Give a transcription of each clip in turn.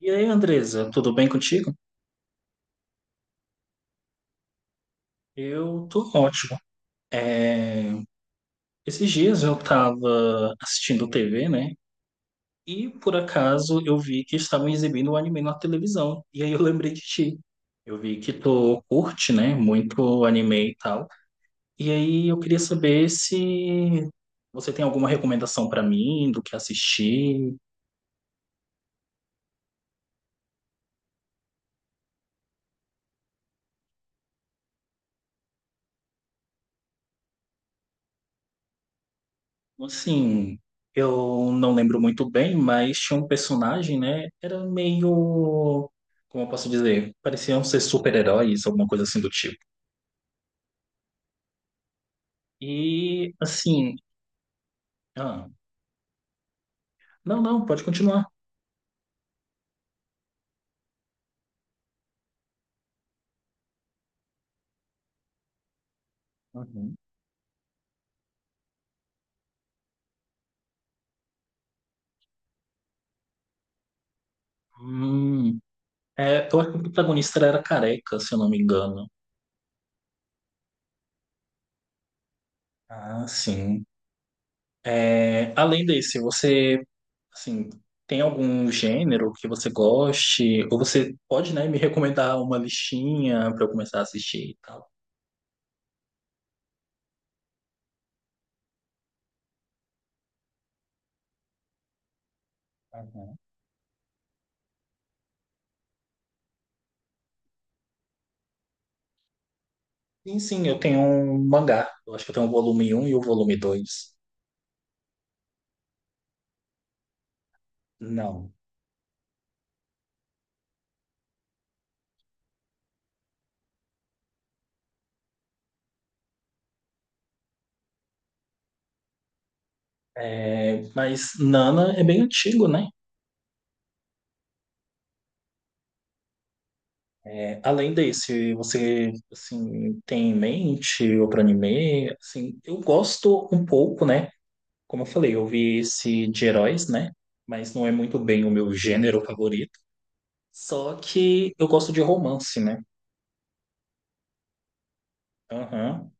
E aí, Andresa, tudo bem contigo? Eu tô ótimo. É, Esses dias eu tava assistindo TV, né? E por acaso eu vi que estavam exibindo o anime na televisão. E aí eu lembrei de ti. Eu vi que tu curte, né? Muito anime e tal. E aí eu queria saber se você tem alguma recomendação pra mim do que assistir. Assim, eu não lembro muito bem, mas tinha um personagem, né? Era meio, como eu posso dizer, pareciam ser super-heróis, alguma coisa assim do tipo. E assim, ah, não, não, pode continuar. Uhum. Hum, é, eu acho que o protagonista era careca, se eu não me engano. Ah, sim. É, além desse, você, assim, tem algum gênero que você goste? Ou você pode, né, me recomendar uma listinha para eu começar a assistir e tal? Sim, sim, eu tenho um mangá. Eu acho que eu tenho o volume um e o volume dois. Não. É, mas Nana é bem antigo, né? É, além desse, você assim, tem em mente outro anime? Assim, eu gosto um pouco, né? Como eu falei, eu vi esse de heróis, né? Mas não é muito bem o meu gênero favorito. Só que eu gosto de romance, né? Aham.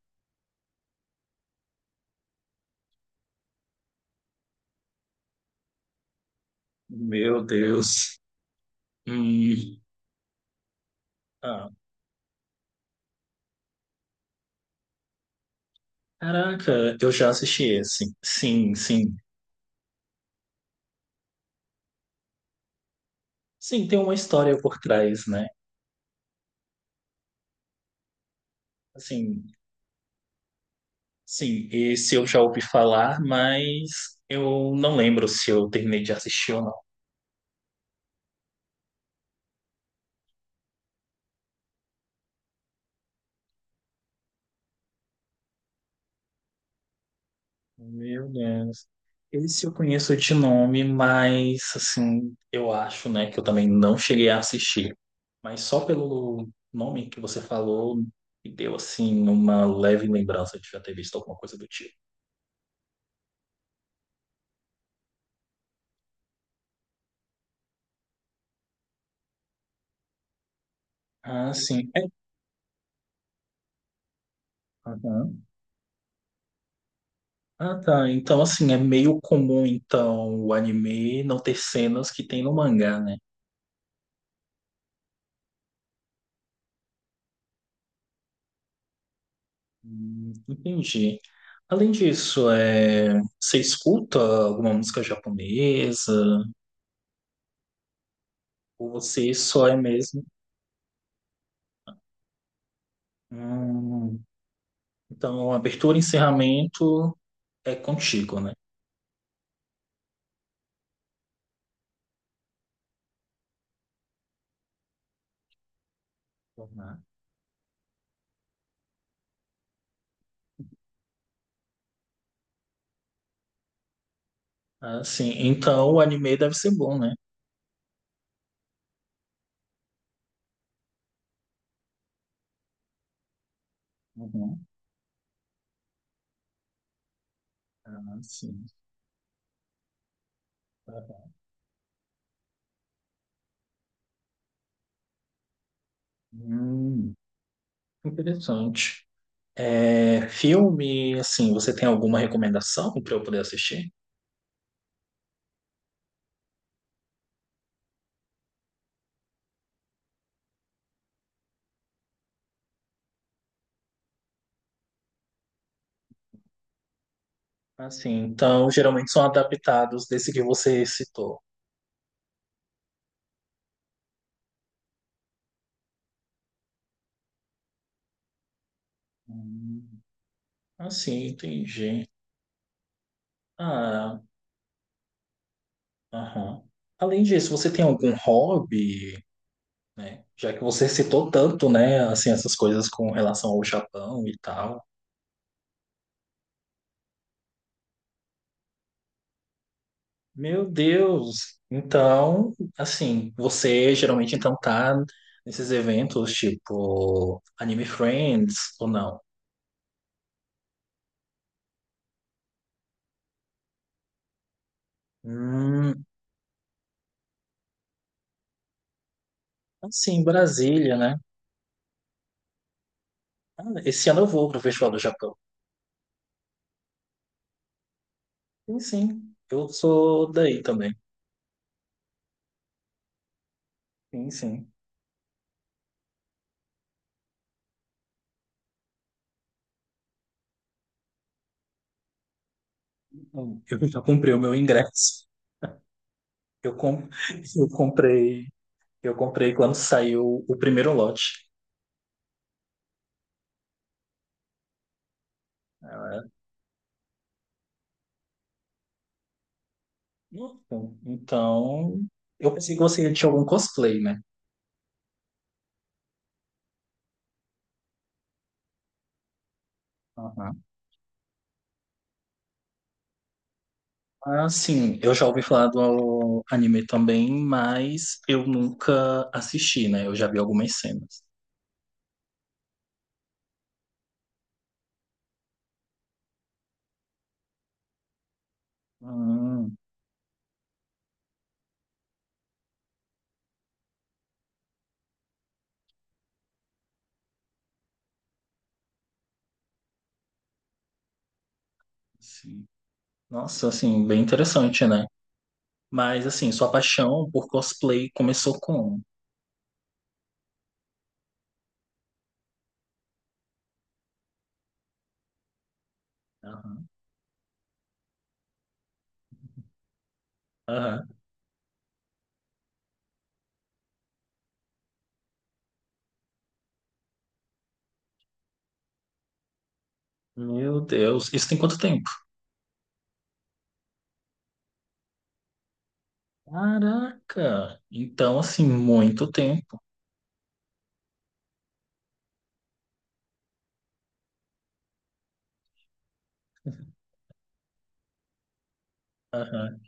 Meu Deus. Hum. Ah, caraca, eu já assisti esse. Sim, sim. Sim, tem uma história por trás, né? Assim, sim, esse eu já ouvi falar, mas eu não lembro se eu terminei de assistir ou não. Meu Deus. Esse eu conheço de nome, mas assim, eu acho, né, que eu também não cheguei a assistir. Mas só pelo nome que você falou, me deu assim uma leve lembrança de já ter visto alguma coisa do tipo. Ah, sim. É. Aham. Ah, tá. Então, assim, é meio comum, então, o anime não ter cenas que tem no mangá, né? Entendi. Além disso, você escuta alguma música japonesa? Ou você só é mesmo? Hum, Então, abertura e encerramento é contigo, né? Uhum. Ah, sim. Então, o anime deve ser bom, né? Uhum. Ah, sim. Hum, interessante. É, filme, assim, você tem alguma recomendação para eu poder assistir? Assim, então, geralmente são adaptados desse que você citou. Hum, assim, entendi. Ah, aham. Além disso, você tem algum hobby, né? Já que você citou tanto, né, assim, essas coisas com relação ao Japão e tal. Meu Deus! Então, assim, você geralmente então tá nesses eventos tipo Anime Friends ou não? Hum. Assim, Brasília, né? Ah, esse ano eu vou para o Festival do Japão. Sim, sim. Eu sou daí também. Sim, sim. Eu já comprei o meu ingresso. Eu, com... eu comprei, eu comprei quando saiu o primeiro lote. Ah, Então, então, eu pensei que você tinha algum cosplay, né? Aham. Ah, sim, eu já ouvi falar do anime também, mas eu nunca assisti, né? Eu já vi algumas cenas. Hum, sim. Nossa, assim, bem interessante, né? Mas assim, sua paixão por cosplay começou como? Aham, aham. Meu Deus, isso tem quanto tempo? Caraca! Então, assim, muito tempo. Aham.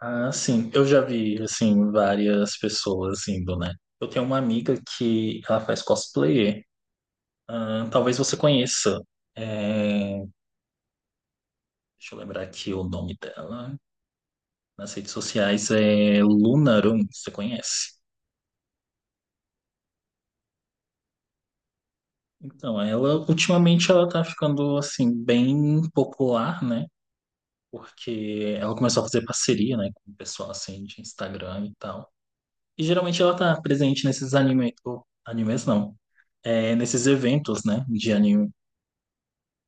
Ah, sim, eu já vi, assim, várias pessoas indo, né? Eu tenho uma amiga que ela faz cosplay. Ah, talvez você conheça. É, deixa eu lembrar aqui o nome dela. Nas redes sociais é Lunarum, você conhece? Então, ela ultimamente ela tá ficando assim bem popular, né? Porque ela começou a fazer parceria, né, com o pessoal assim de Instagram e tal. E geralmente ela tá presente nesses anime, ou animes não, é, nesses eventos, né, de anime.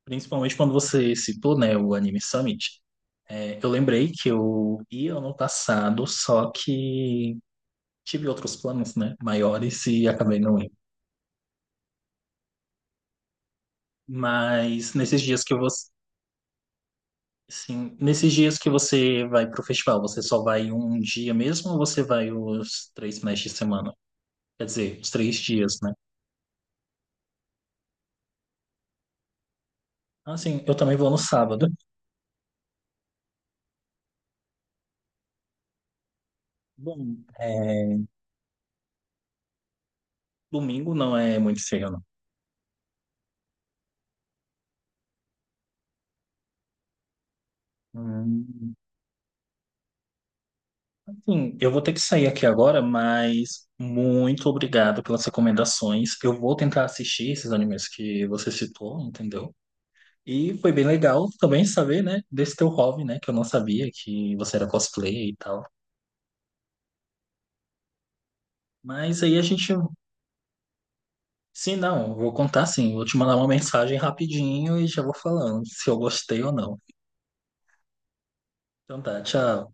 Principalmente quando você citou, né, o Anime Summit. É, eu lembrei que eu ia ano passado, só que tive outros planos, né, maiores e acabei não indo. Mas nesses dias que eu vou. Sim. Nesses dias que você vai pro festival, você só vai um dia mesmo ou você vai os três finais de semana? Quer dizer, os três dias, né? Ah, sim, eu também vou no sábado. Bom, é, domingo não é muito feio, não. Hum, assim, eu vou ter que sair aqui agora, mas muito obrigado pelas recomendações. Eu vou tentar assistir esses animes que você citou, entendeu? E foi bem legal também saber, né, desse teu hobby, né, que eu não sabia que você era cosplay e tal. Mas aí a gente. Sim, não, vou contar sim. Vou te mandar uma mensagem rapidinho e já vou falando se eu gostei ou não. Então tá, tchau.